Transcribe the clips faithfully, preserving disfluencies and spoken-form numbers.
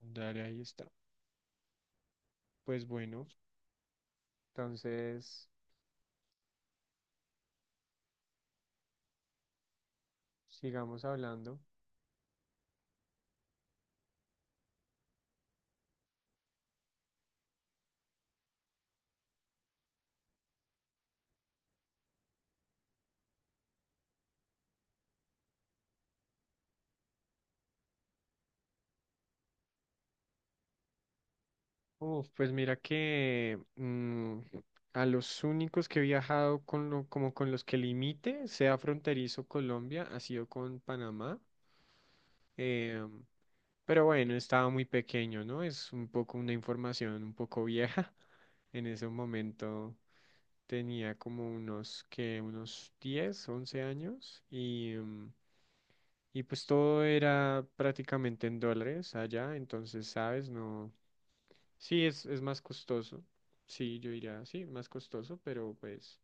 Dale, ahí está. Pues bueno, entonces sigamos hablando. Uf, pues mira que mm, a los únicos que he viajado con lo, como con los que limite, sea fronterizo Colombia, ha sido con Panamá. Eh, pero bueno, estaba muy pequeño, ¿no? Es un poco una información un poco vieja. En ese momento tenía como unos, que unos diez once años y... mm, Y pues todo era prácticamente en dólares allá, entonces, ¿sabes? No. Sí, es, es más costoso. Sí, yo diría, sí, más costoso, pero pues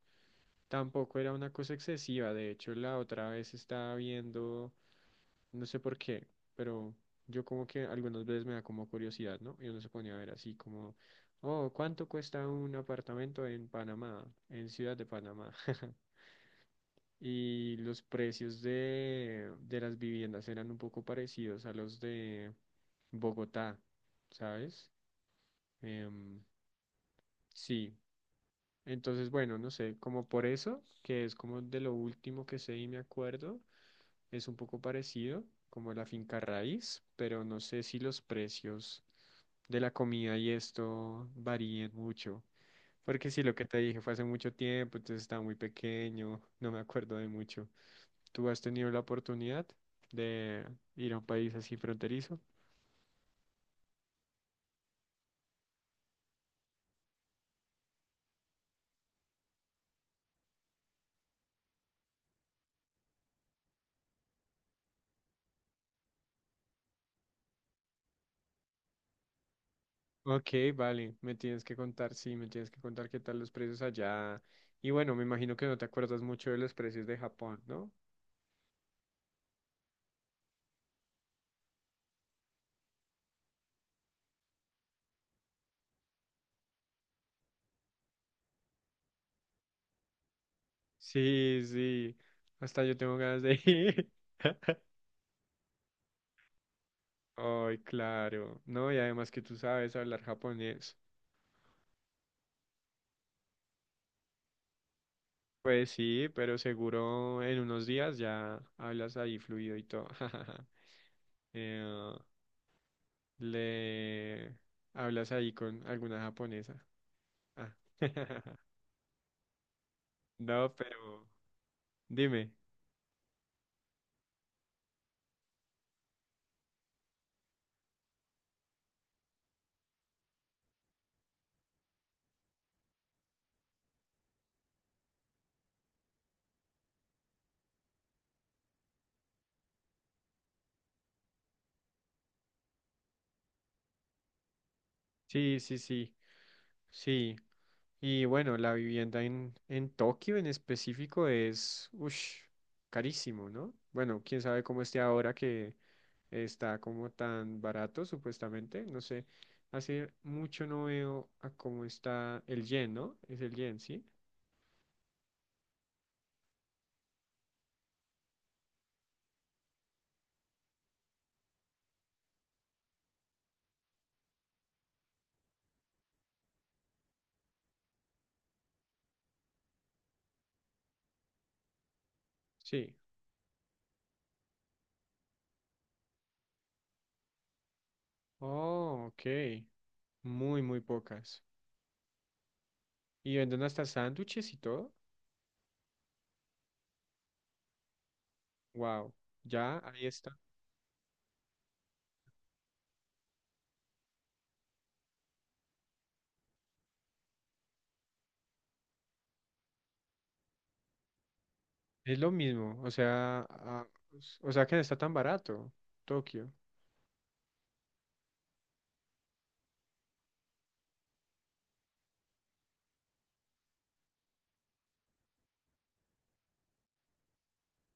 tampoco era una cosa excesiva. De hecho, la otra vez estaba viendo, no sé por qué, pero yo como que algunas veces me da como curiosidad, ¿no? Y uno se ponía a ver así como, oh, ¿cuánto cuesta un apartamento en Panamá, en Ciudad de Panamá? Y los precios de, de las viviendas eran un poco parecidos a los de Bogotá, ¿sabes? Em, sí, entonces bueno, no sé, como por eso, que es como de lo último que sé y me acuerdo, es un poco parecido como la finca raíz, pero no sé si los precios de la comida y esto varíen mucho. Porque si lo que te dije fue hace mucho tiempo, entonces estaba muy pequeño, no me acuerdo de mucho. ¿Tú has tenido la oportunidad de ir a un país así fronterizo? Ok, vale, me tienes que contar, sí, me tienes que contar qué tal los precios allá. Y bueno, me imagino que no te acuerdas mucho de los precios de Japón, ¿no? Sí, sí, hasta yo tengo ganas de ir. Ay, claro, ¿no? Y además que tú sabes hablar japonés. Pues sí, pero seguro en unos días ya hablas ahí fluido y todo. Eh, Le hablas ahí con alguna japonesa. Ah, No, pero dime. Sí, sí, sí, sí. Y bueno, la vivienda en, en Tokio en específico es, ush, carísimo, ¿no? Bueno, quién sabe cómo esté ahora que está como tan barato, supuestamente. No sé, hace mucho no veo a cómo está el yen, ¿no? Es el yen, ¿sí? Sí. Oh, ok. Muy, muy pocas. Y venden hasta sándwiches y todo. Wow. Ya, ahí está. Es lo mismo, o sea, ah, o sea que no está tan barato, Tokio.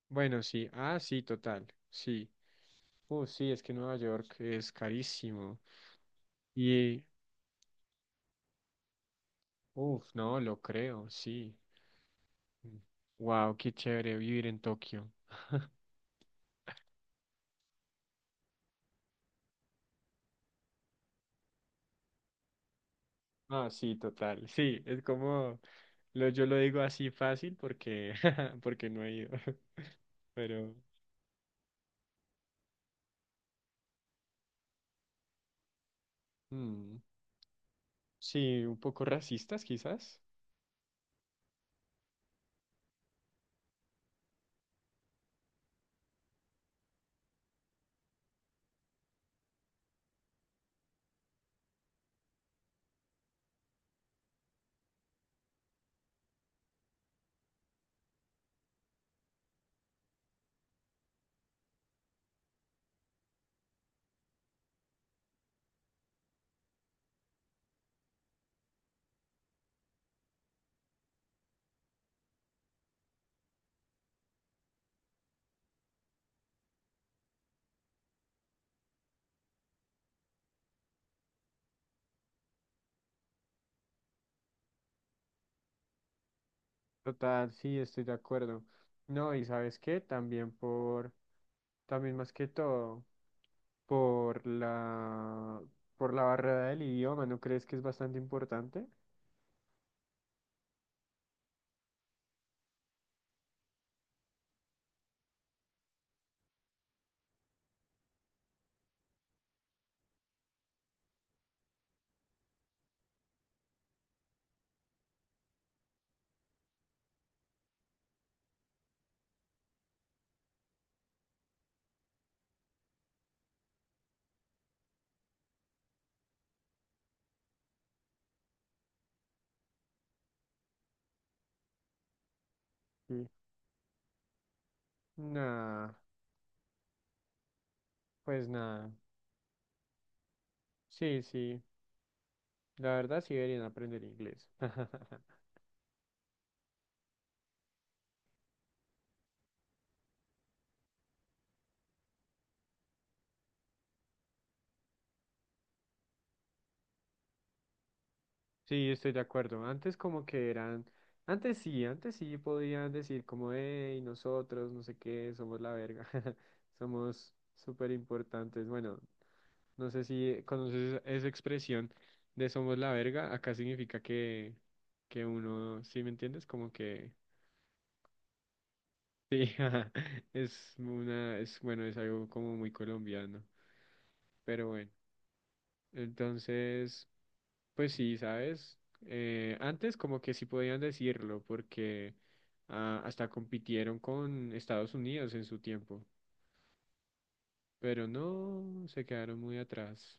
Bueno, sí, ah, sí, total, sí. Uh, sí, es que Nueva York es carísimo. Y, uff, no, lo creo, sí. Wow, qué chévere vivir en Tokio. Ah, sí, total, sí, es como, lo, yo lo digo así fácil porque, porque no he ido, pero, mm, sí, un poco racistas quizás. Total, sí, estoy de acuerdo. No, y sabes qué, también por, también más que todo, por la, por la barrera del idioma, ¿no crees que es bastante importante? Sí. Nah, pues nada. Sí, sí, la verdad sí deberían aprender inglés. Sí, estoy de acuerdo. Antes como que eran, antes sí, antes sí podían decir como, hey, nosotros, no sé qué, somos la verga, somos súper importantes. Bueno, no sé si conoces esa expresión de somos la verga. Acá significa que, que uno, ¿sí me entiendes? Como que sí, ajá, es una, es bueno, es algo como muy colombiano. Pero bueno, entonces, pues sí, ¿sabes? Eh, antes como que sí podían decirlo porque ah, hasta compitieron con Estados Unidos en su tiempo. Pero no, se quedaron muy atrás.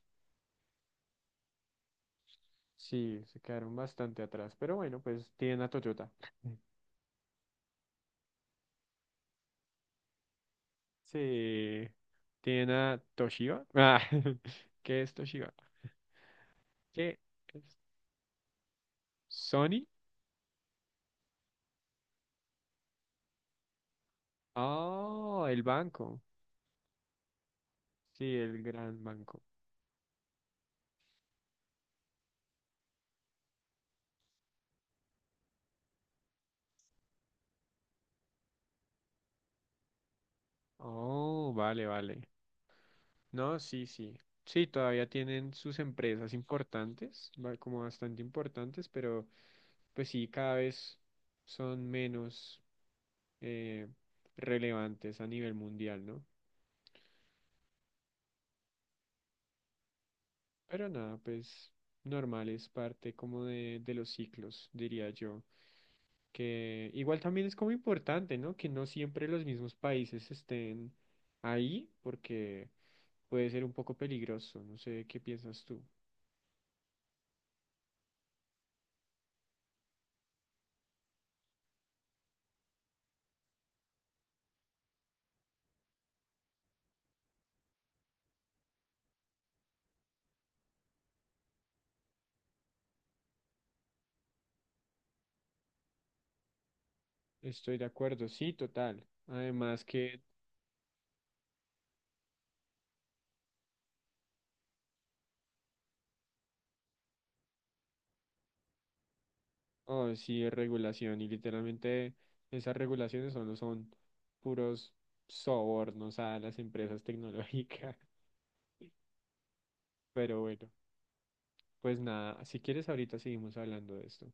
Sí, se quedaron bastante atrás. Pero bueno, pues tienen a Toyota. Sí. Tiene Toshiba. Ah, ¿qué es Toshiba? ¿Qué es? ¿Sony? Oh, el banco. Sí, el gran banco. Oh, vale, vale. No, sí, sí. Sí, todavía tienen sus empresas importantes, ba- como bastante importantes, pero pues sí, cada vez son menos eh, relevantes a nivel mundial, ¿no? Pero nada, pues normal, es parte como de, de los ciclos, diría yo. Que igual también es como importante, ¿no? Que no siempre los mismos países estén ahí, porque puede ser un poco peligroso. No sé qué piensas tú. Estoy de acuerdo, sí, total. Además que, oh, sí, es regulación y literalmente esas regulaciones solo son puros sobornos a las empresas tecnológicas. Pero bueno, pues nada, si quieres ahorita seguimos hablando de esto.